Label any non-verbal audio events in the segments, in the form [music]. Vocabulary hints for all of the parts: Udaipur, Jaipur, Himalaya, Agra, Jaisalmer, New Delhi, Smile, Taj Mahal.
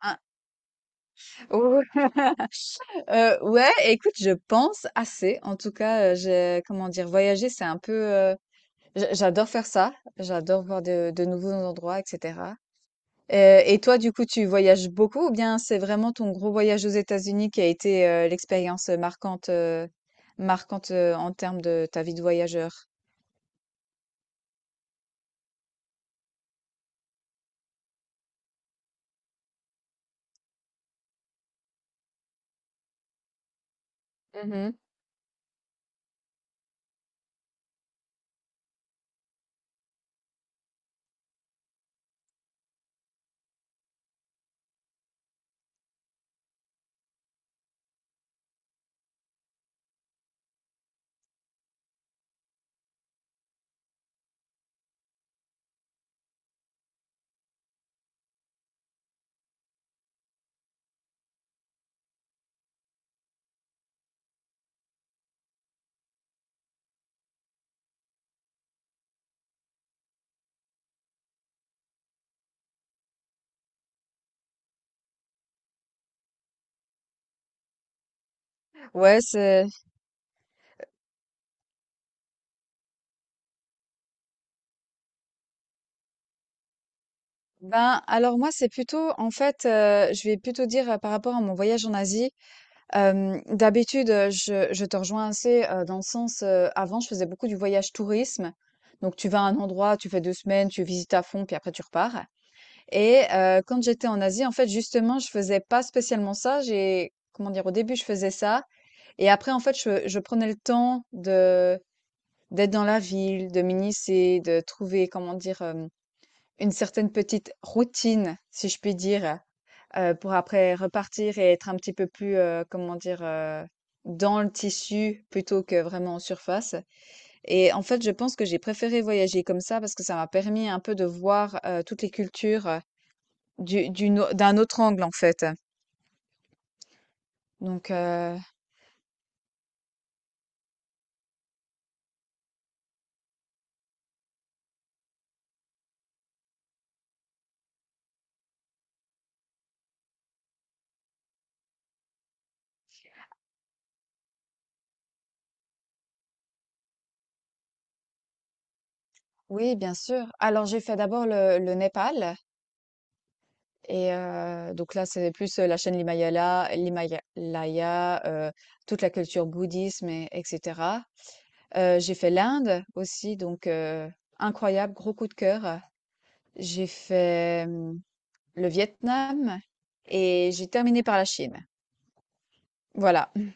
Ah, oh, ouais, écoute, je pense assez. En tout cas, j'ai comment dire? Voyager, c'est un peu, j'adore faire ça. J'adore voir de nouveaux endroits, et cetera. Et toi, du coup, tu voyages beaucoup ou bien c'est vraiment ton gros voyage aux États-Unis qui a été, l'expérience marquante, en termes de ta vie de voyageur? Mmh. Ouais, c'est ben, alors moi, c'est plutôt en fait, je vais plutôt dire, par rapport à mon voyage en Asie. D'habitude, je te rejoins assez, dans le sens, avant, je faisais beaucoup du voyage tourisme. Donc tu vas à un endroit, tu fais 2 semaines, tu visites à fond, puis après tu repars. Et quand j'étais en Asie, en fait, justement, je faisais pas spécialement ça. J'ai comment dire? Au début, je faisais ça et après, en fait, je prenais le temps de d'être dans la ville, de m'initier, de trouver, comment dire? Hem, une certaine petite routine, si je puis dire. Pour après repartir et être un petit peu plus, comment dire? Dans le tissu plutôt que vraiment en surface. Et en fait, je pense que j'ai préféré voyager comme ça parce que ça m'a permis un peu de voir, toutes les cultures, du d'une au d'un autre angle, en fait. Donc oui, bien sûr. Alors, j'ai fait d'abord le Népal et donc là, c'est plus, la chaîne l'Himalaya l'Himalaya, heu, toute la culture bouddhisme et j'ai fait l'Inde aussi, donc incroyable, gros coup de cœur. J'ai fait, le Vietnam et j'ai terminé par la Chine. Voilà,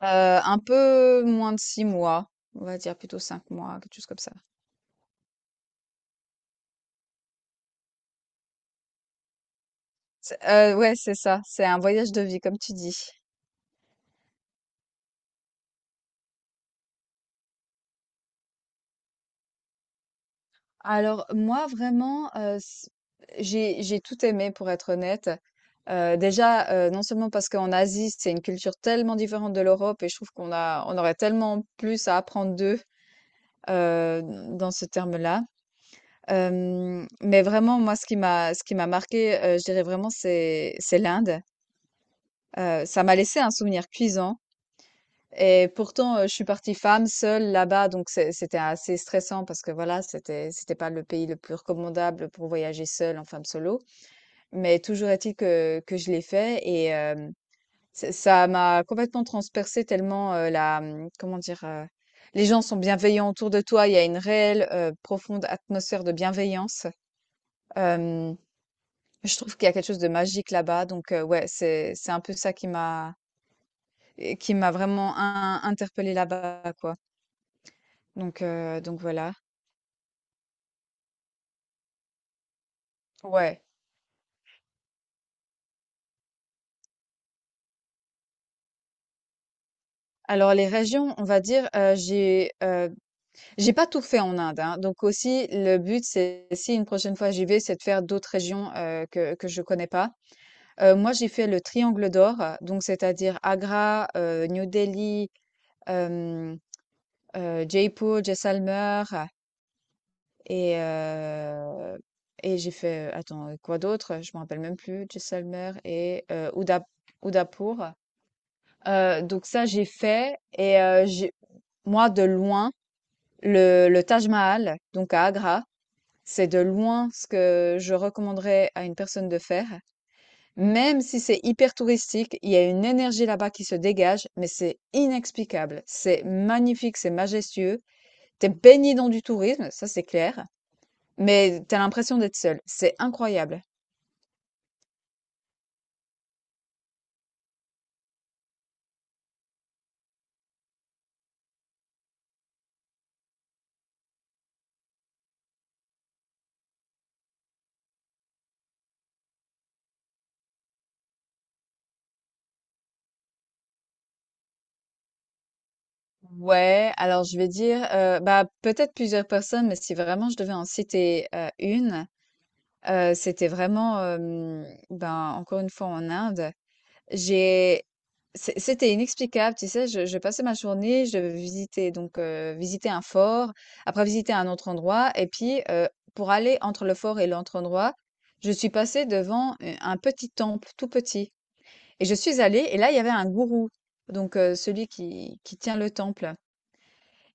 un peu moins de 6 mois, on va dire plutôt 5 mois, quelque chose comme ça. C'est ouais, c'est ça, c'est un voyage de vie comme tu dis. Alors moi vraiment, c j'ai tout aimé pour être honnête. Déjà, non seulement parce qu'en Asie, c'est une culture tellement différente de l'Europe et je trouve qu'on a on aurait tellement plus à apprendre d'eux, heu, dans ce terme-là. Hem, mais vraiment moi ce qui m'a marqué, je dirais vraiment c'est l'Inde. Ça m'a laissé un souvenir cuisant. Et pourtant, je suis partie femme seule là-bas, donc c'était assez stressant parce que voilà, c'était pas le pays le plus recommandable pour voyager seule en femme solo. Mais toujours est-il que je l'ai fait. Ça m'a complètement transpercée tellement la, comment dire, les gens sont bienveillants autour de toi. Il y a une réelle, profonde atmosphère de bienveillance. Euh, je trouve qu'il y a quelque chose de magique là-bas. Donc ouais, c'est un peu ça qui m'a et qui m'a vraiment interpellée là-bas, quoi. Donc voilà. Ouais. Alors les régions, on va dire, j'ai pas tout fait en Inde, hein. Donc aussi le but, c'est si une prochaine fois j'y vais, c'est de faire d'autres régions que je connais pas. Moi, j'ai fait le triangle d'or, donc c'est-à-dire Agra, New Delhi, hem, Jaipur, Jaisalmer et heu et j'ai fait, attends, quoi d'autre? Je me rappelle même plus. Jaisalmer et Udaipur. Donc ça, j'ai fait. Et j'ai moi, de loin, le Taj Mahal, donc à Agra, c'est de loin ce que je recommanderais à une personne de faire. Même si c'est hyper touristique, il y a une énergie là-bas qui se dégage, mais c'est inexplicable. C'est magnifique, c'est majestueux. T'es baigné dans du tourisme, ça c'est clair, mais t'as l'impression d'être seul. C'est incroyable. Ouais, alors je vais dire, bah peut-être plusieurs personnes, mais si vraiment je devais en citer une, c'était vraiment, ben, encore une fois en Inde. J'ai c'é c'était inexplicable, tu sais? Je passais ma journée, je devais visiter donc visiter un fort, après visiter un autre endroit et puis, pour aller entre le fort et l'autre endroit, je suis passée devant u un petit temple, tout petit. Et je suis allée, et là, il y avait un gourou, donc celui qui tient le temple.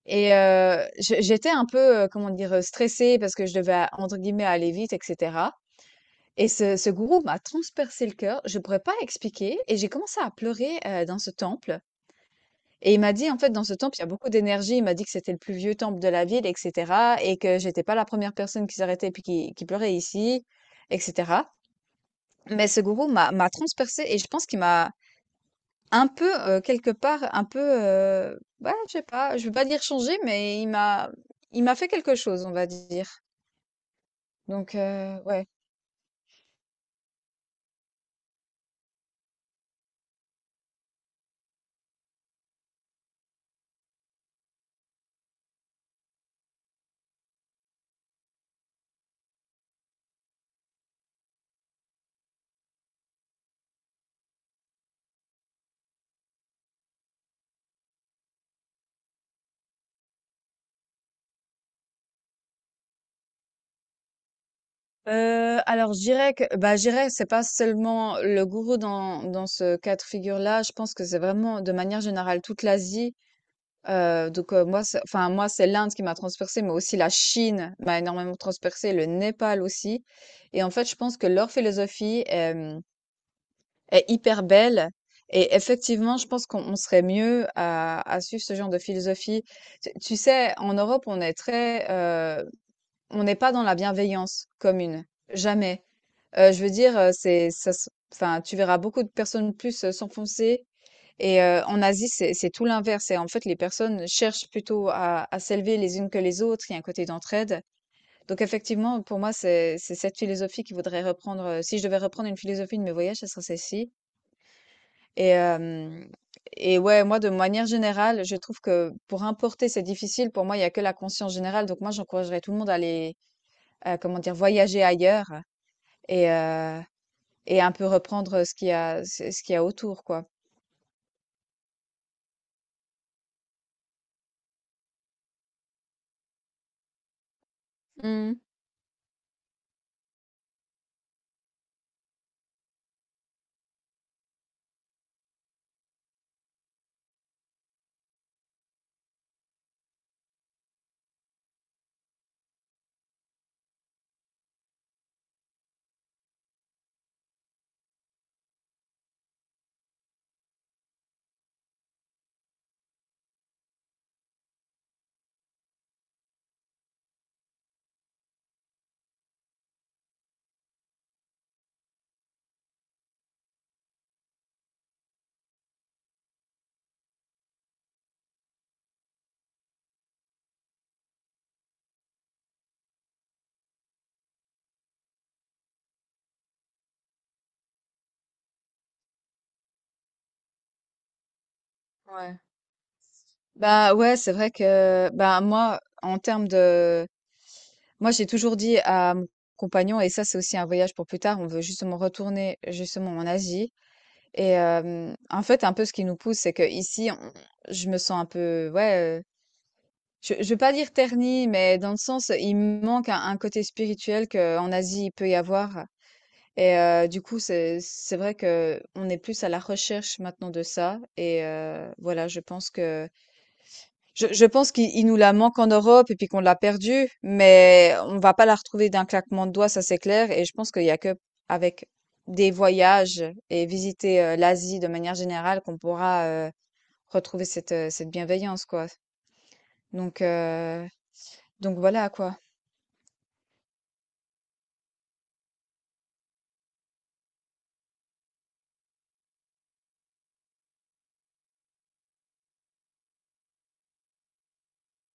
Et je j'étais un peu, comment dire? Stressée parce que je devais, entre guillemets, «aller vite», et cetera. Et ce gourou m'a transpercé le cœur, je ne pourrais pas expliquer, et j'ai commencé à pleurer, dans ce temple. Et il m'a dit, en fait, dans ce temple, il y a beaucoup d'énergie. Il m'a dit que c'était le plus vieux temple de la ville, et cetera, et que j'étais pas la première personne qui s'arrêtait et puis qui pleurait ici, et cetera. Mais ce gourou m'a transpercé et je pense qu'il m'a un peu, quelque part, un peu, ouais, je sais pas, je veux pas dire changée, mais il m'a fait quelque chose, on va dire. Donc ouais. Alors je dirais que bah, je dirais que c'est pas seulement le gourou dans ce cas de figure-là. Je pense que c'est vraiment de manière générale toute l'Asie. Moi c'est, enfin moi c'est l'Inde qui m'a transpercée, mais aussi la Chine m'a énormément transpercée, le Népal aussi. Et en fait, je pense que leur philosophie, est hyper belle. Et effectivement, je pense qu'on on serait mieux à suivre ce genre de philosophie. Tu sais, en Europe, on est très, on n'est pas dans la bienveillance commune, jamais. Je veux dire, c'est ça se enfin, tu verras beaucoup de personnes plus, s'enfoncer. Et en Asie, c'est tout l'inverse, et en fait, les personnes cherchent plutôt à s'élever les unes que les autres. Il y a un côté d'entraide. Donc effectivement, pour moi, c'est cette philosophie qu'il faudrait reprendre, si je devais reprendre une philosophie de mes voyages, ça serait celle-ci. Et hem et ouais, moi, de manière générale, je trouve que pour importer, c'est difficile. Pour moi, il y a que la conscience générale. Donc moi, j'encouragerais tout le monde à aller, comment dire? Voyager ailleurs et et un peu reprendre ce qu'il y a ce qu'il y a autour, quoi. Mmh. Ouais. Bah, ouais, c'est vrai que, bah, moi, en termes de moi, j'ai toujours dit à mon compagnon, et ça, c'est aussi un voyage pour plus tard, on veut justement retourner, justement, en Asie. Et en fait, un peu ce qui nous pousse, c'est qu'ici, on je me sens un peu, ouais, je veux pas dire ternie, mais dans le sens, il me manque un côté spirituel qu'en Asie, il peut y avoir. Et du coup, c'est vrai que on est plus à la recherche maintenant de ça. Et voilà, je pense que je pense qu'il il nous la manque en Europe et puis qu'on l'a perdue, mais on va pas la retrouver d'un claquement de doigts, ça c'est clair. Et je pense qu'il y a que avec des voyages et visiter l'Asie de manière générale qu'on pourra retrouver cette cette bienveillance, quoi. Donc euh, donc voilà quoi.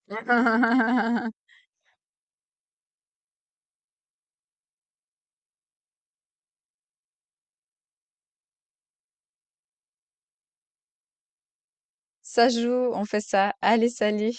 [laughs] Ça joue, on fait ça. Allez, salut.